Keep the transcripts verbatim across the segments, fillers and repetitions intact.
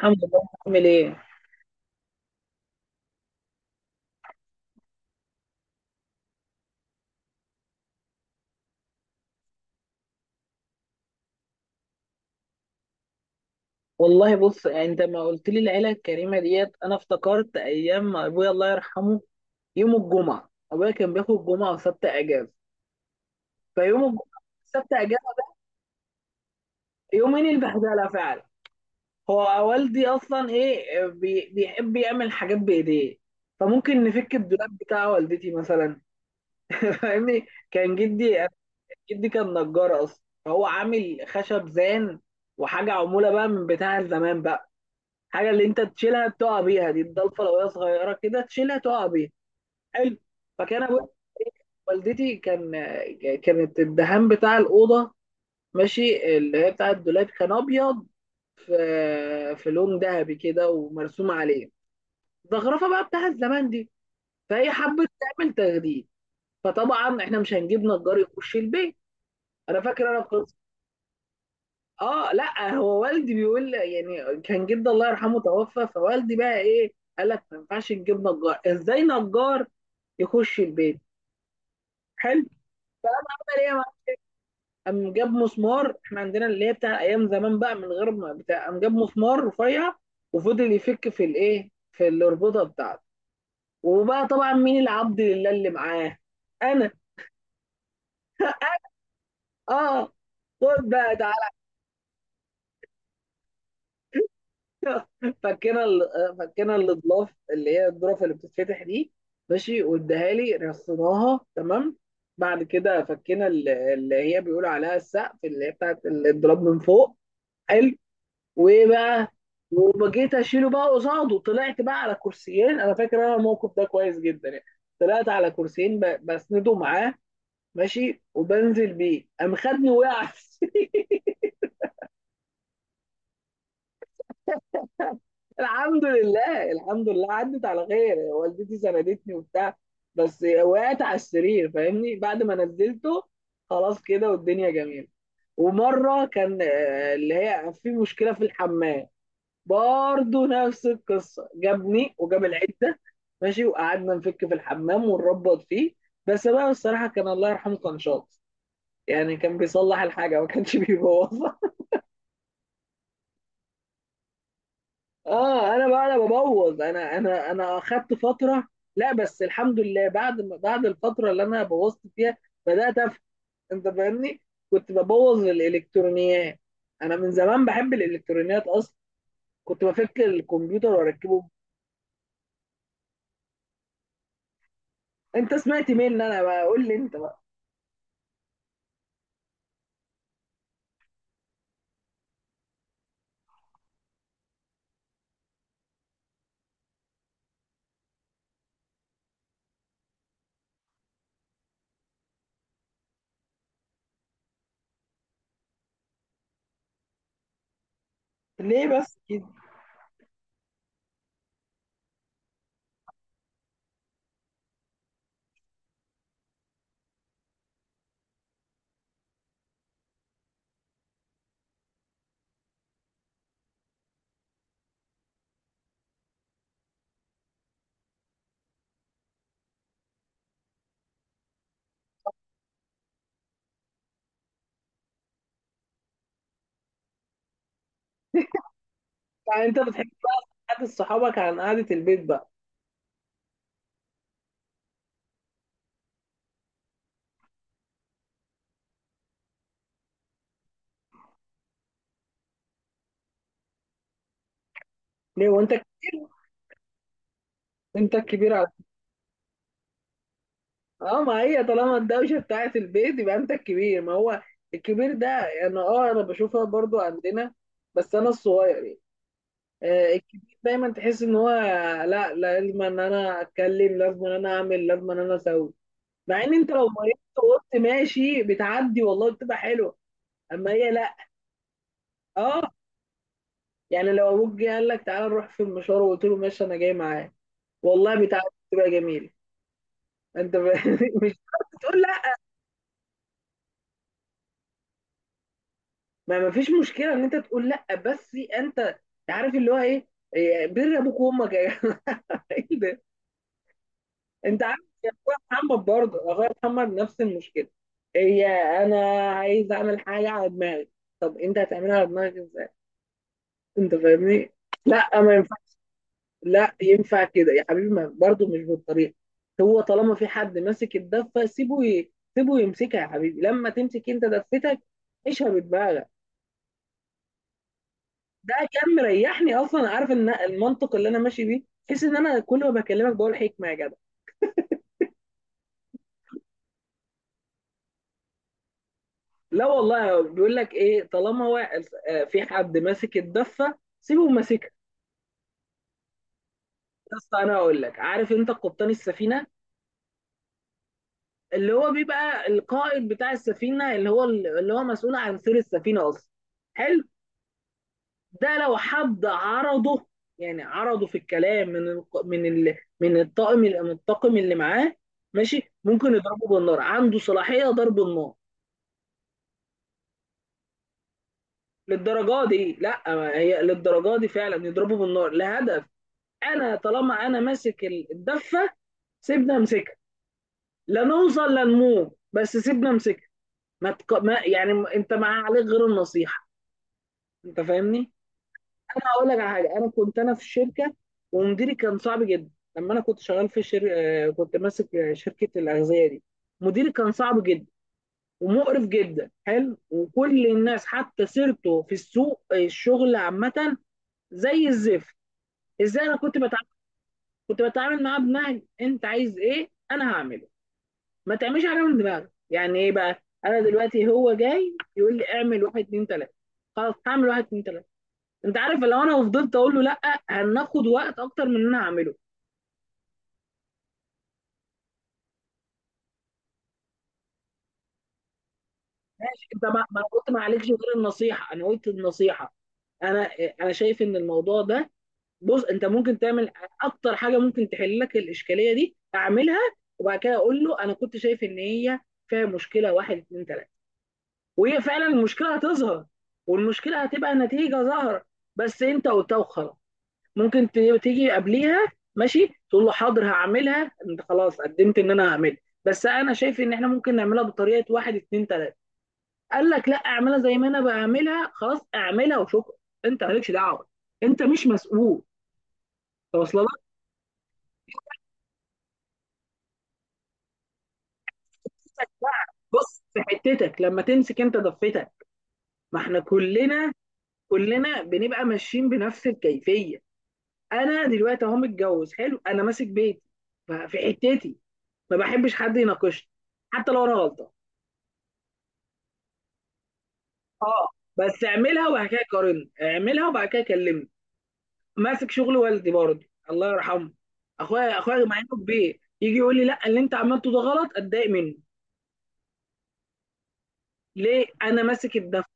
الحمد لله. عامل ايه؟ والله بص، يعني انت ما قلت لي العيله الكريمه ديت، انا افتكرت ايام ما ابويا الله يرحمه. يوم الجمعه ابويا كان بياخد جمعه وسبت اجازه، فيوم الجمعه سبت اجازه، يومين البهدله فعلا. هو والدي اصلا ايه بي بيحب يعمل حاجات بايديه، فممكن نفك الدولاب بتاع والدتي مثلا. فاهمني، كان جدي جدي كان نجار اصلا، فهو عامل خشب زان، وحاجه عموله بقى من بتاع زمان بقى، حاجه اللي انت تشيلها تقع بيها. دي الضلفه لو هي صغيره كده تشيلها تقع بيها. حلو. فكان ابويا، والدتي كان كانت الدهان بتاع الاوضه، ماشي، اللي هي بتاع الدولاب، كان ابيض، في في لون ذهبي كده ومرسوم عليه الزخرفه بقى بتاع الزمان دي. فهي حبت تعمل تجديد، فطبعا احنا مش هنجيب نجار يخش البيت. انا فاكر انا. اه، لا هو والدي بيقول، يعني كان جدي الله يرحمه توفى، فوالدي بقى ايه، قال لك ما ينفعش نجيب نجار، ازاي نجار يخش البيت. حلو. فقام عمل ايه بقى؟ قام جاب مسمار، احنا عندنا اللي هي بتاع ايام زمان بقى، من غير ما بتاع، قام جاب مسمار رفيع، وفضل يفك في الايه، في الاربطه بتاعته. وبقى طبعا مين العبد لله اللي معاه؟ انا. اه، خد بقى. فكنا ال- فكنا الاضلاف اللي هي الظرف اللي بتتفتح دي، ماشي، واداها لي، رصيناها تمام. بعد كده فكنا ال- اللي هي بيقول عليها السقف، اللي هي بتاعت الضرب من فوق. حلو. وايه بقى؟ وبجيت اشيله بقى قصاده، طلعت بقى على كرسيين، انا فاكر انا الموقف ده كويس جدا يعني. طلعت على كرسيين ب- بسنده معاه، ماشي، وبنزل بيه، قام خدني وقعت الحمد لله، الحمد لله، عدت على خير. والدتي سندتني وبتاع، بس وقعت على السرير فاهمني بعد ما نزلته. خلاص كده، والدنيا جميلة. ومرة كان آه، اللي هي في مشكلة في الحمام. برضه نفس القصة، جابني وجاب العدة، ماشي، وقعدنا نفك في الحمام ونربط فيه. بس بقى الصراحة كان الله يرحمه كان شاطر، يعني كان بيصلح الحاجة، ما كانش بيبوظها. اه، انا بقى انا ببوظ، انا انا انا اخدت فتره. لا بس الحمد لله، بعد ما بعد الفتره اللي انا بوظت فيها بدات افهم. انت فاهمني؟ كنت ببوظ الالكترونيات، انا من زمان بحب الالكترونيات اصلا، كنت بفك الكمبيوتر واركبه. انت سمعت مين؟ انا بقى قول لي انت بقى. ليه بس كده؟ يعني انت بتحب قعده صحابك عن قعده البيت بقى؟ ليه وانت كبير؟ انت الكبير؟ اه، ما هي طالما الدوشه بتاعت البيت، يبقى انت الكبير. ما هو الكبير ده يعني، اه انا بشوفها برضو عندنا، بس انا الصغير يعني. آه، الكبير دايما تحس ان هو، لا لازم ان انا اتكلم، لازم ان انا اعمل، لازم ان انا اسوي. مع ان انت لو مريت وقلت ماشي، بتعدي والله، بتبقى حلوه. اما هي لا. اه، يعني لو ابوك جه قال لك تعالى نروح في المشوار، وقلت له ماشي انا جاي معاك، والله بتعدي، بتبقى جميله. انت ب... مش تقول. ما ما فيش مشكله ان انت تقول لا، بس انت عارف اللي هو ايه، إيه، بر ابوك وامك يا جماعه. ايه ده؟ انت عارف يا اخويا محمد، برضه اخويا محمد نفس المشكله. هي، انا عايز اعمل حاجه على دماغي. طب انت هتعملها على دماغك ازاي؟ انت فاهمني؟ لا ما ينفعش، لا ينفع كده يا حبيبي، ما برضه مش بالطريقه. هو طالما في حد ماسك الدفه سيبه ي- سيبه يمسكها، يا حبيبي لما تمسك انت دفتك عيشها بدماغك. ده كان مريحني اصلا، عارف ان المنطق اللي انا ماشي بيه، بحيث ان انا كل ما بكلمك بقول حكمه يا جدع. لا والله، بيقول لك ايه، طالما هو آه، في حد ماسك الدفه سيبه ماسكها. بس انا اقول لك، عارف انت قبطان السفينه، اللي هو بيبقى القائد بتاع السفينه، اللي هو اللي هو مسؤول عن سير السفينه اصلا. حلو. ده لو حد عرضه، يعني عرضه في الكلام، من الق- من ال... من الطاقم من الطاقم اللي معاه، ماشي، ممكن يضربه بالنار، عنده صلاحيه ضرب النار. للدرجه دي؟ لا، ما هي للدرجه دي فعلا، يضربوا بالنار لهدف. انا طالما انا ماسك الدفه، سيبنا امسكها، لا نوصل لا نموت، بس سيبنا امسكها. ما, تق... ما يعني م- انت ما عليك غير النصيحه، انت فاهمني؟ انا هقول لك على حاجه، انا كنت انا في الشركه ومديري كان صعب جدا. لما انا كنت شغال في شر... آه، كنت ماسك آه، شركه الاغذيه دي، مديري كان صعب جدا ومقرف جدا. حلو. وكل الناس حتى سيرته في السوق آه، الشغل عامه زي الزفت. ازاي انا كنت بتعامل كنت بتعامل معاه بنهج انت عايز ايه انا هعمله. ما تعملش حاجه من دماغك. يعني ايه بقى، انا دلوقتي هو جاي يقول لي اعمل واحد اتنين تلاته، خلاص هعمل واحد اتنين تلاته. انت عارف لو انا فضلت اقول له لا، هناخد وقت اكتر من اللي انا هعمله. ماشي، انت ما ما انا قلت ما عليكش غير النصيحه، انا قلت النصيحه. انا انا شايف ان الموضوع ده، بص، انت ممكن تعمل اكتر حاجه ممكن تحل لك الاشكاليه دي، اعملها، وبعد كده اقول له انا كنت شايف ان هي فيها مشكله واحد اتنين تلاته. وهي فعلا المشكله هتظهر، والمشكله هتبقى نتيجه ظاهره، بس انت قلتها وخلاص. ممكن ت- تيجي قبليها، ماشي، تقول له حاضر هعملها، انت خلاص قدمت ان انا هعملها، بس انا شايف ان احنا ممكن نعملها بطريقه واحد اتنين تلاته. قال لك لا اعملها زي ما انا بعملها، خلاص اعملها وشكرا، انت مالكش دعوه، انت مش مسؤول، توصل لك. بص، في حتتك لما تمسك انت ضفتك، ما احنا كلنا كلنا بنبقى ماشيين بنفس الكيفيه. انا دلوقتي اهو متجوز، حلو، انا ماسك بيتي، ف- في حتتي ما بحبش حد يناقشني حتى لو انا غلطان. اه، بس اعملها وبعد كده قارن، اعملها وبعد كده كلمني. ماسك شغل والدي برضه الله يرحمه. اخويا اخويا مع انه كبير يجي يقول لي لا، اللي انت عملته ده غلط، اتضايق منه. ليه؟ انا ماسك الدفع.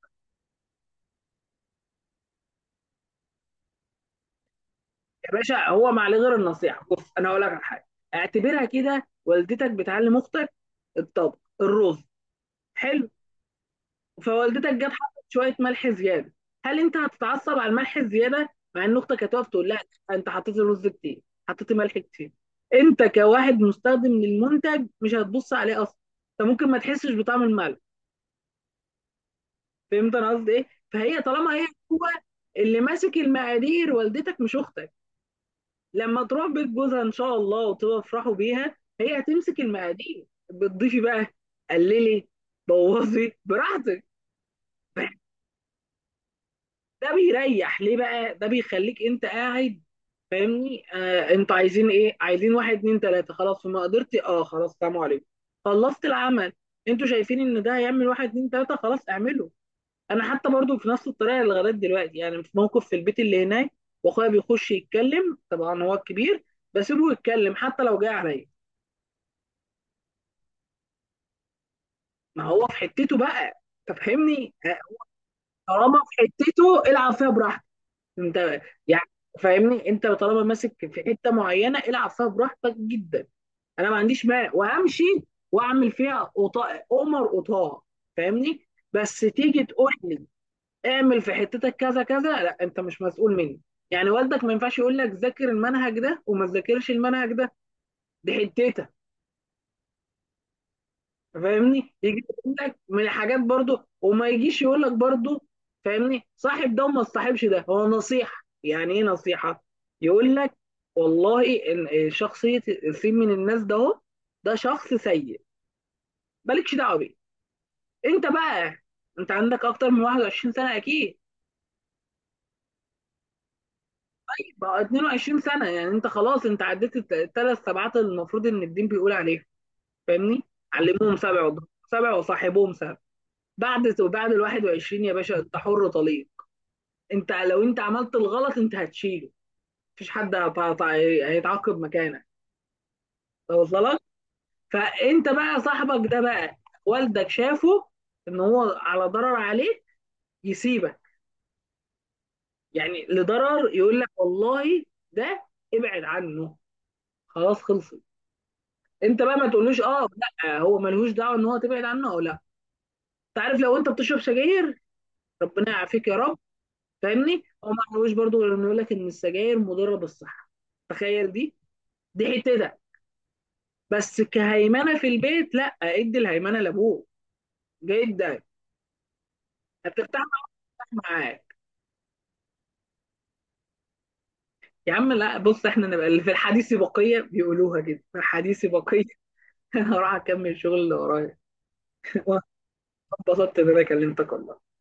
يا باشا، هو ما عليه غير النصيحه. بص انا هقول لك على حاجه، اعتبرها كده، والدتك بتعلم اختك الطبخ، الرز، حلو، فوالدتك جت حطت شويه ملح زياده. هل انت هتتعصب على الملح الزياده؟ مع ان اختك هتقف تقول لك انت حطيت الرز كتير، حطيت ملح كتير. انت كواحد مستخدم للمنتج مش هتبص عليه اصلا، انت ممكن ما تحسش بطعم الملح. فهمت انا قصدي ايه؟ فهي طالما هي، هو اللي ماسك المقادير، والدتك مش اختك. لما تروح بيت جوزها ان شاء الله وتفرحوا بيها، هي هتمسك المقادير، بتضيفي بقى، قللي، بوظي براحتك. ده بيريح ليه بقى؟ ده بيخليك انت قاعد فاهمني، آه، انتوا عايزين ايه؟ عايزين واحد اتنين تلاته، خلاص، فما قدرت، اه خلاص، سلام عليكم، خلصت العمل. انتوا شايفين ان ده هيعمل واحد اتنين تلاته؟ خلاص اعمله. انا حتى برضو في نفس الطريقه اللي لغايه دلوقتي، يعني في موقف في البيت اللي هناك، واخويا بيخش يتكلم، طبعا هو الكبير، بسيبه يتكلم حتى لو جاي عليا. ما هو في حتته بقى، تفهمني آه، طالما في حتته العب فيها براحتك انت، يعني فاهمني، انت طالما ماسك في حته معينه العب فيها براحتك جدا، انا ما عنديش مانع، وامشي واعمل فيها قطاع قمر قطاع، فاهمني. بس تيجي تقول لي اعمل في حتتك كذا كذا، لا، انت مش مسؤول مني. يعني والدك ما ينفعش يقول لك ذاكر المنهج ده وما تذاكرش المنهج ده، دي حتتك، فاهمني، يجي يقول لك من الحاجات برضو، وما يجيش يقول لك برضو فاهمني صاحب ده وما تصاحبش ده. هو نصيحة، يعني ايه نصيحة؟ يقول لك والله إن- شخصية السين من الناس ده، هو ده شخص سيء، مالكش دعوة بيه. انت بقى، انت عندك اكتر من واحد وعشرين سنة اكيد، بقى اتنين وعشرين سنة، يعني انت خلاص، انت عديت الت- الثلاث سبعات اللي المفروض ان الدين بيقول عليهم، فاهمني، علموهم سبع، وضربوهم سبع، وصاحبهم سبع. بعد بعد ال واحد وعشرين يا باشا انت حر طليق، انت لو انت عملت الغلط انت هتشيله، مفيش حد هتع- هتع- هيتعاقب مكانك، واصل لك. فانت بقى، صاحبك ده بقى، والدك شافه ان هو على ضرر عليك، يسيبك، يعني لضرر، يقول لك والله ده ابعد عنه، خلاص خلصت، انت بقى ما تقولوش اه، لا، هو ملهوش دعوه ان هو تبعد عنه او لا. تعرف، لو انت بتشرب سجاير، ربنا يعافيك يا رب، فاهمني، هو ما عملوش برضه غير انه يقول لك ان السجاير مضره بالصحه. تخيل، دي دي حتتك، بس كهيمنه في البيت لا، ادي الهيمنه لابوك، جدا هترتاح معاه. يا عم لا، بص، احنا نبقى اللي في الحديث بقيه، بيقولوها كده في الحديث بقيه. انا هروح اكمل شغل اللي ورايا. وانا اتبسطت ان انا كلمتك والله.